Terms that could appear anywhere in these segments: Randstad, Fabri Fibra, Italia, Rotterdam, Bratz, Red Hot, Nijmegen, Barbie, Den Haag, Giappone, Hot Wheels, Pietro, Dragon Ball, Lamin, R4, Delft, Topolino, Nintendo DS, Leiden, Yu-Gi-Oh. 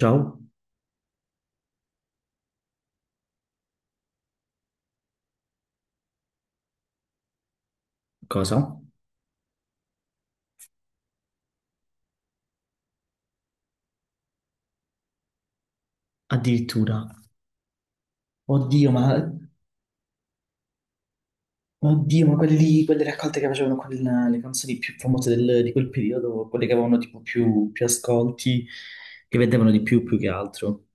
Ciao, cosa? Addirittura. Oddio, ma, oddio, ma quelle raccolte che facevano con le canzoni più famose di quel periodo, quelle che avevano tipo più ascolti, che vendevano di più che altro.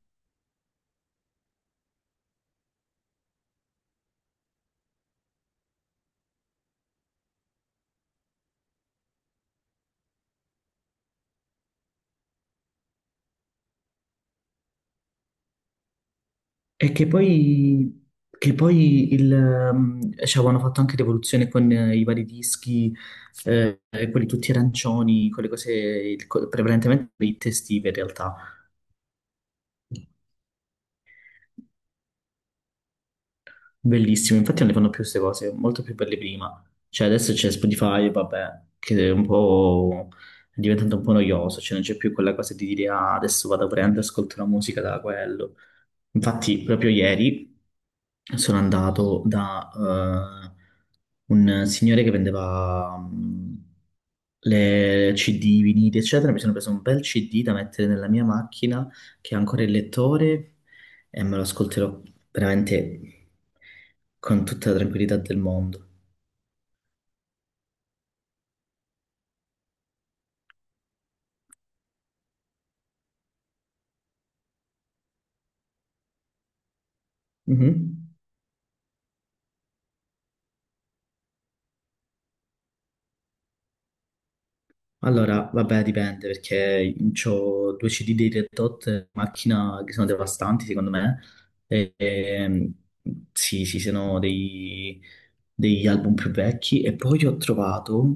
E che poi ci avevano fatto anche rivoluzione con i vari dischi, eh, quelli tutti arancioni, quelle cose, prevalentemente le estive in realtà. Bellissimo, infatti non le fanno più queste cose, molto più belle prima. Cioè adesso c'è Spotify, vabbè, che è un po' è diventato un po' noioso, cioè non c'è più quella cosa di dire ah, adesso vado a prendere, ascolto la musica da quello. Infatti, proprio ieri sono andato da un signore che vendeva le CD, vinili, eccetera. Mi sono preso un bel CD da mettere nella mia macchina che ha ancora il lettore e me lo ascolterò veramente con tutta la tranquillità del mondo. Mhm. Allora, vabbè, dipende perché ho due CD dei Red Hot in macchina che sono devastanti, secondo me. E, ehm, sì, sì, sono degli album più vecchi. E poi ho trovato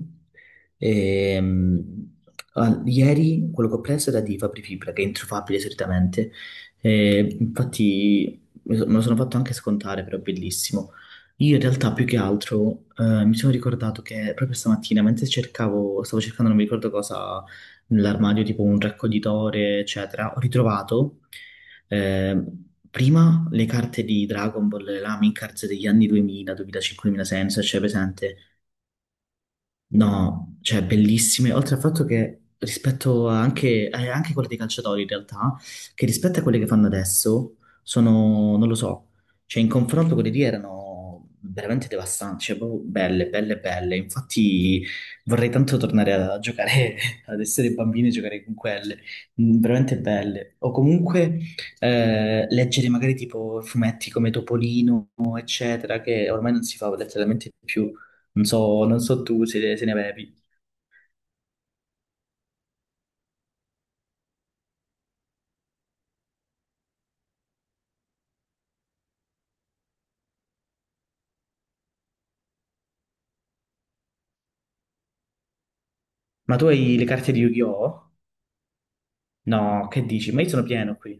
ehm, ieri quello che ho preso era di Fabri Fibra, che è introfabile solitamente. E infatti me lo sono fatto anche scontare, però è bellissimo. Io in realtà più che altro mi sono ricordato che proprio stamattina, stavo cercando non mi ricordo cosa nell'armadio, tipo un raccoglitore, eccetera, ho ritrovato eh, prima le carte di Dragon Ball, le Lamin cards degli anni 2000, 2005, 2006, non so se c'è presente. No, cioè bellissime, oltre al fatto che rispetto a anche quelle dei calciatori in realtà, che rispetto a quelle che fanno adesso, sono, non lo so, cioè in confronto quelle lì erano veramente devastanti, cioè proprio belle, belle, belle, infatti vorrei tanto tornare a giocare, ad essere bambini e giocare con quelle, veramente belle, o comunque leggere magari tipo fumetti come Topolino, eccetera, che ormai non si fa letteralmente più. Non so tu se ne avevi. Ma tu hai le carte di Yu-Gi-Oh? No, che dici? Ma io sono pieno qui.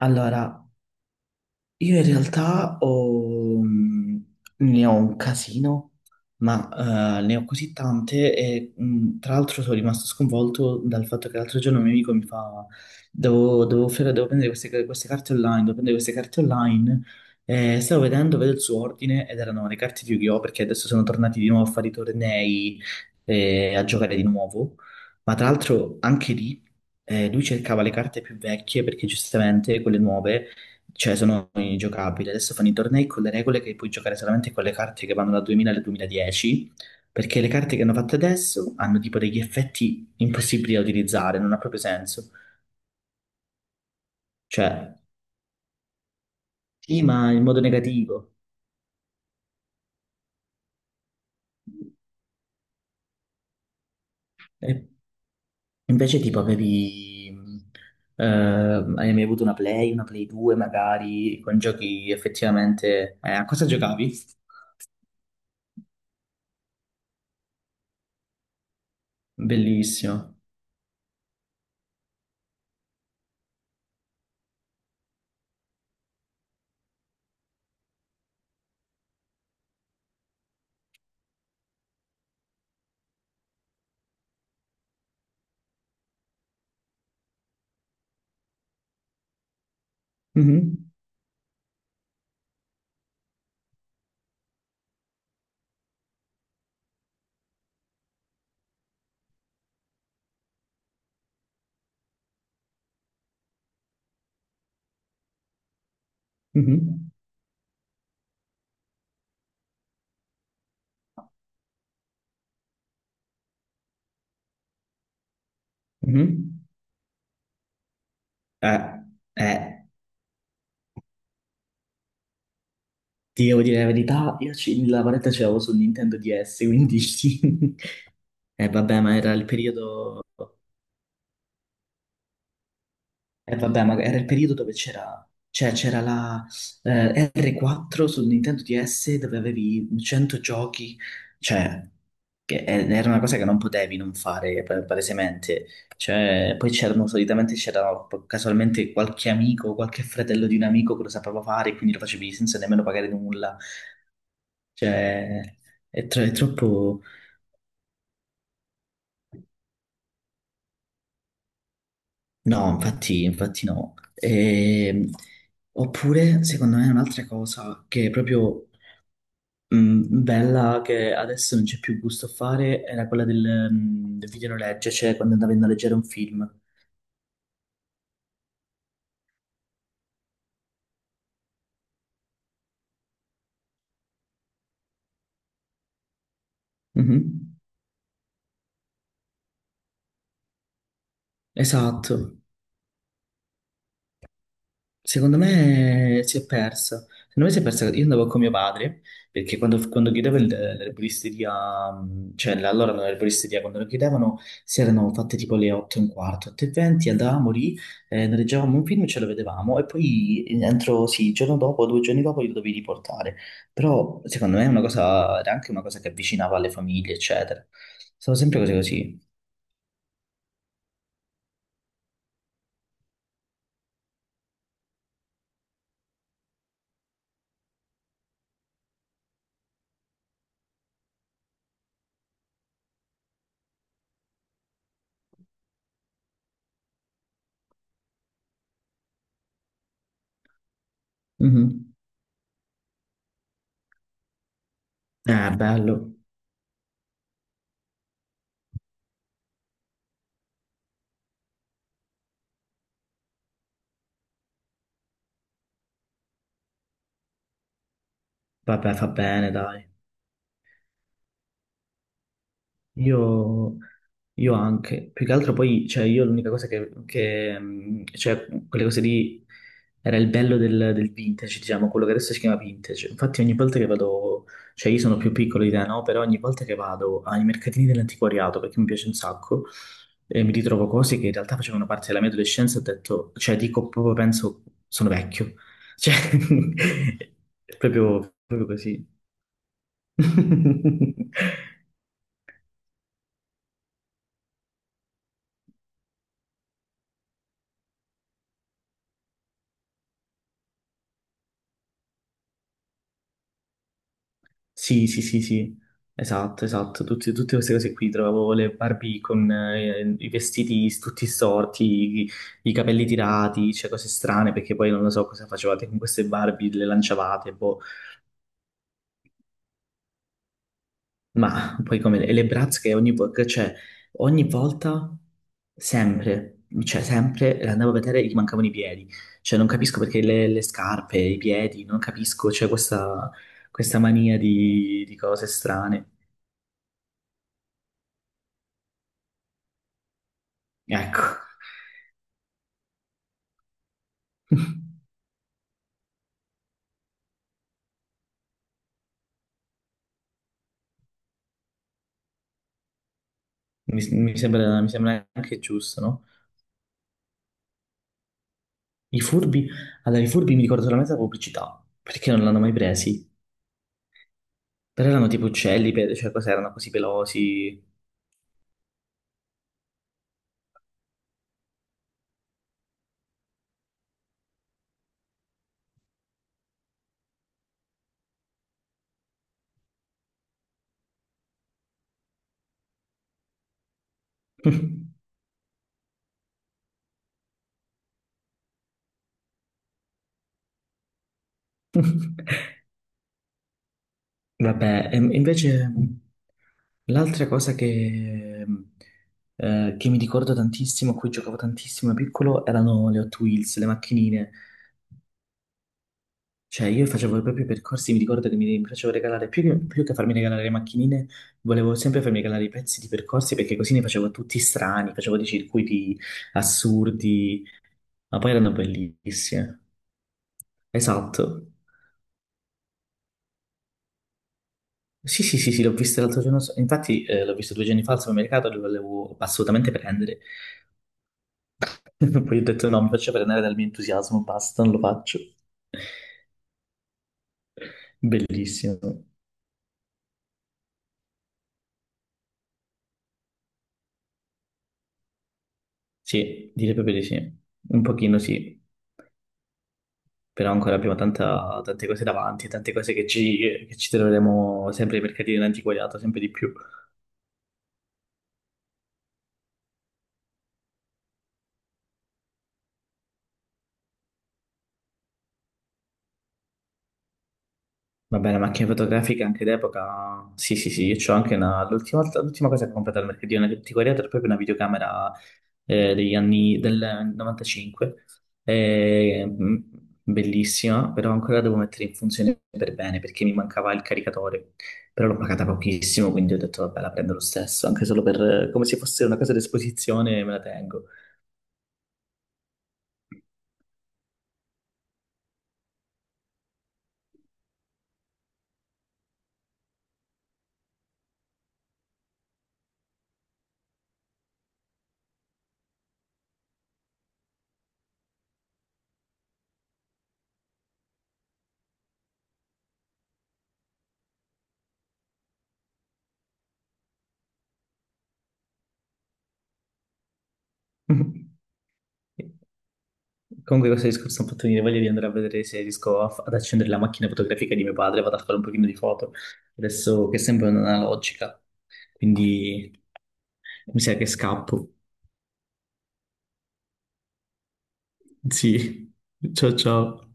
Allora, io in realtà ne ho un casino, ma ne ho così tante e tra l'altro sono rimasto sconvolto dal fatto che l'altro giorno un mio amico mi fa, devo prendere queste carte online, devo prendere queste carte online, e vedo il suo ordine ed erano le carte di Yu-Gi-Oh! Perché adesso sono tornati di nuovo a fare i tornei e a giocare di nuovo, ma tra l'altro anche lì lui cercava le carte più vecchie perché giustamente quelle nuove cioè sono ingiocabili. Adesso fanno i tornei con le regole che puoi giocare solamente con le carte che vanno dal 2000 al 2010, perché le carte che hanno fatto adesso hanno tipo degli effetti impossibili da utilizzare, non ha proprio senso. Cioè, sì, ma in modo negativo. E invece tipo hai mai avuto una Play 2 magari, con giochi effettivamente. A cosa giocavi? Bellissimo. Mhm, mhm, mhm. Eh, eh, Ti devo dire la verità, la paletta ce l'avevo su Nintendo DS, quindi sì. Eh vabbè, ma era il periodo... Eh vabbè, ma era il periodo dove c'era. Cioè, c'era la R4 su Nintendo DS dove avevi 100 giochi, cioè, che era una cosa che non potevi non fare, palesemente. Cioè, poi c'erano, solitamente c'era casualmente qualche amico, qualche fratello di un amico che lo sapeva fare, quindi lo facevi senza nemmeno pagare nulla. Cioè. È troppo. No, infatti, no. Oppure, secondo me, un'altra cosa che è proprio bella, che adesso non c'è più gusto a fare, era quella del videonoleggio, cioè quando andavi a noleggiare un film. Mhm. Esatto. Secondo me si è persa. Secondo me si è persa. Io andavo con mio padre perché quando chiudeva l'erboristeria, cioè allora non l'erboristeria, quando lo chiudevano si erano fatte tipo le 8 e un quarto, 8 e 20, andavamo lì, noleggiavamo un film e ce lo vedevamo e poi entro, sì, il giorno dopo, 2 giorni dopo li dovevi riportare. Però secondo me è una cosa, era anche una cosa che avvicinava alle famiglie, eccetera. Sono sempre cose così. Mhm. Bello. Vabbè, fa bene, dai. Io, io anche, più che altro poi, cioè io l'unica cosa cioè quelle cose lì, era il bello del vintage, diciamo, quello che adesso si chiama vintage. Infatti ogni volta che vado, cioè io sono più piccolo di te, no? Però ogni volta che vado ai mercatini dell'antiquariato, perché mi piace un sacco, e mi ritrovo cose che in realtà facevano parte della mia adolescenza, ho detto, cioè dico proprio, penso, sono vecchio. Cioè. È proprio così. Sì, sì, sì, sì, esatto, esatto. Tutte queste cose qui, trovavo le Barbie con i vestiti tutti storti, i, i capelli tirati, cioè cose strane, perché poi non lo so cosa facevate con queste Barbie, le lanciavate, boh, ma poi come e le Bratz che che, cioè, ogni volta, sempre, cioè sempre, le andavo a vedere e gli mancavano i piedi, cioè non capisco perché le scarpe, i piedi, non capisco, c'è questa mania di cose strane, ecco. Mi sembra, anche giusto, no? I furbi, allora i furbi mi ricordo solamente la pubblicità, perché non l'hanno mai presi, però erano tipo uccelli, cioè cos'erano erano così pelosi. Vabbè, e invece l'altra cosa che mi ricordo tantissimo, a cui giocavo tantissimo da piccolo, erano le Hot Wheels, le macchinine. Cioè, io facevo proprio i percorsi, mi ricordo che mi piacevo regalare, più che farmi regalare le macchinine, volevo sempre farmi regalare i pezzi di percorsi perché così ne facevo tutti strani, facevo dei circuiti assurdi, ma poi erano bellissime. Esatto. Sì, sì, sì, sì, l'ho vista l'altro giorno, so, infatti l'ho visto 2 giorni fa al supermercato, lo volevo assolutamente prendere. Poi ho detto no, mi faccio prendere dal mio entusiasmo, basta, non lo faccio. Bellissimo. Sì, direi proprio di sì. Un pochino sì. Però ancora abbiamo tante cose davanti, tante cose che ci troveremo sempre ai mercatini dell'antiquariato, sempre di più. Va bene, macchine fotografiche anche d'epoca, sì sì sì, io c'ho anche una. L'ultima cosa che ho comprato al mercatino dell'antiquariato era proprio una videocamera degli anni del 95, eh, mh, bellissima, però ancora la devo mettere in funzione per bene perché mi mancava il caricatore, però l'ho pagata pochissimo, quindi ho detto vabbè la prendo lo stesso, anche solo per come se fosse una cosa d'esposizione me la tengo. Comunque questo discorso mi ha fatto venire voglia di andare a vedere se riesco a ad accendere la macchina fotografica di mio padre, vado a fare un pochino di foto, adesso che è sempre un'analogica, quindi mi sa che scappo. Sì, ciao ciao.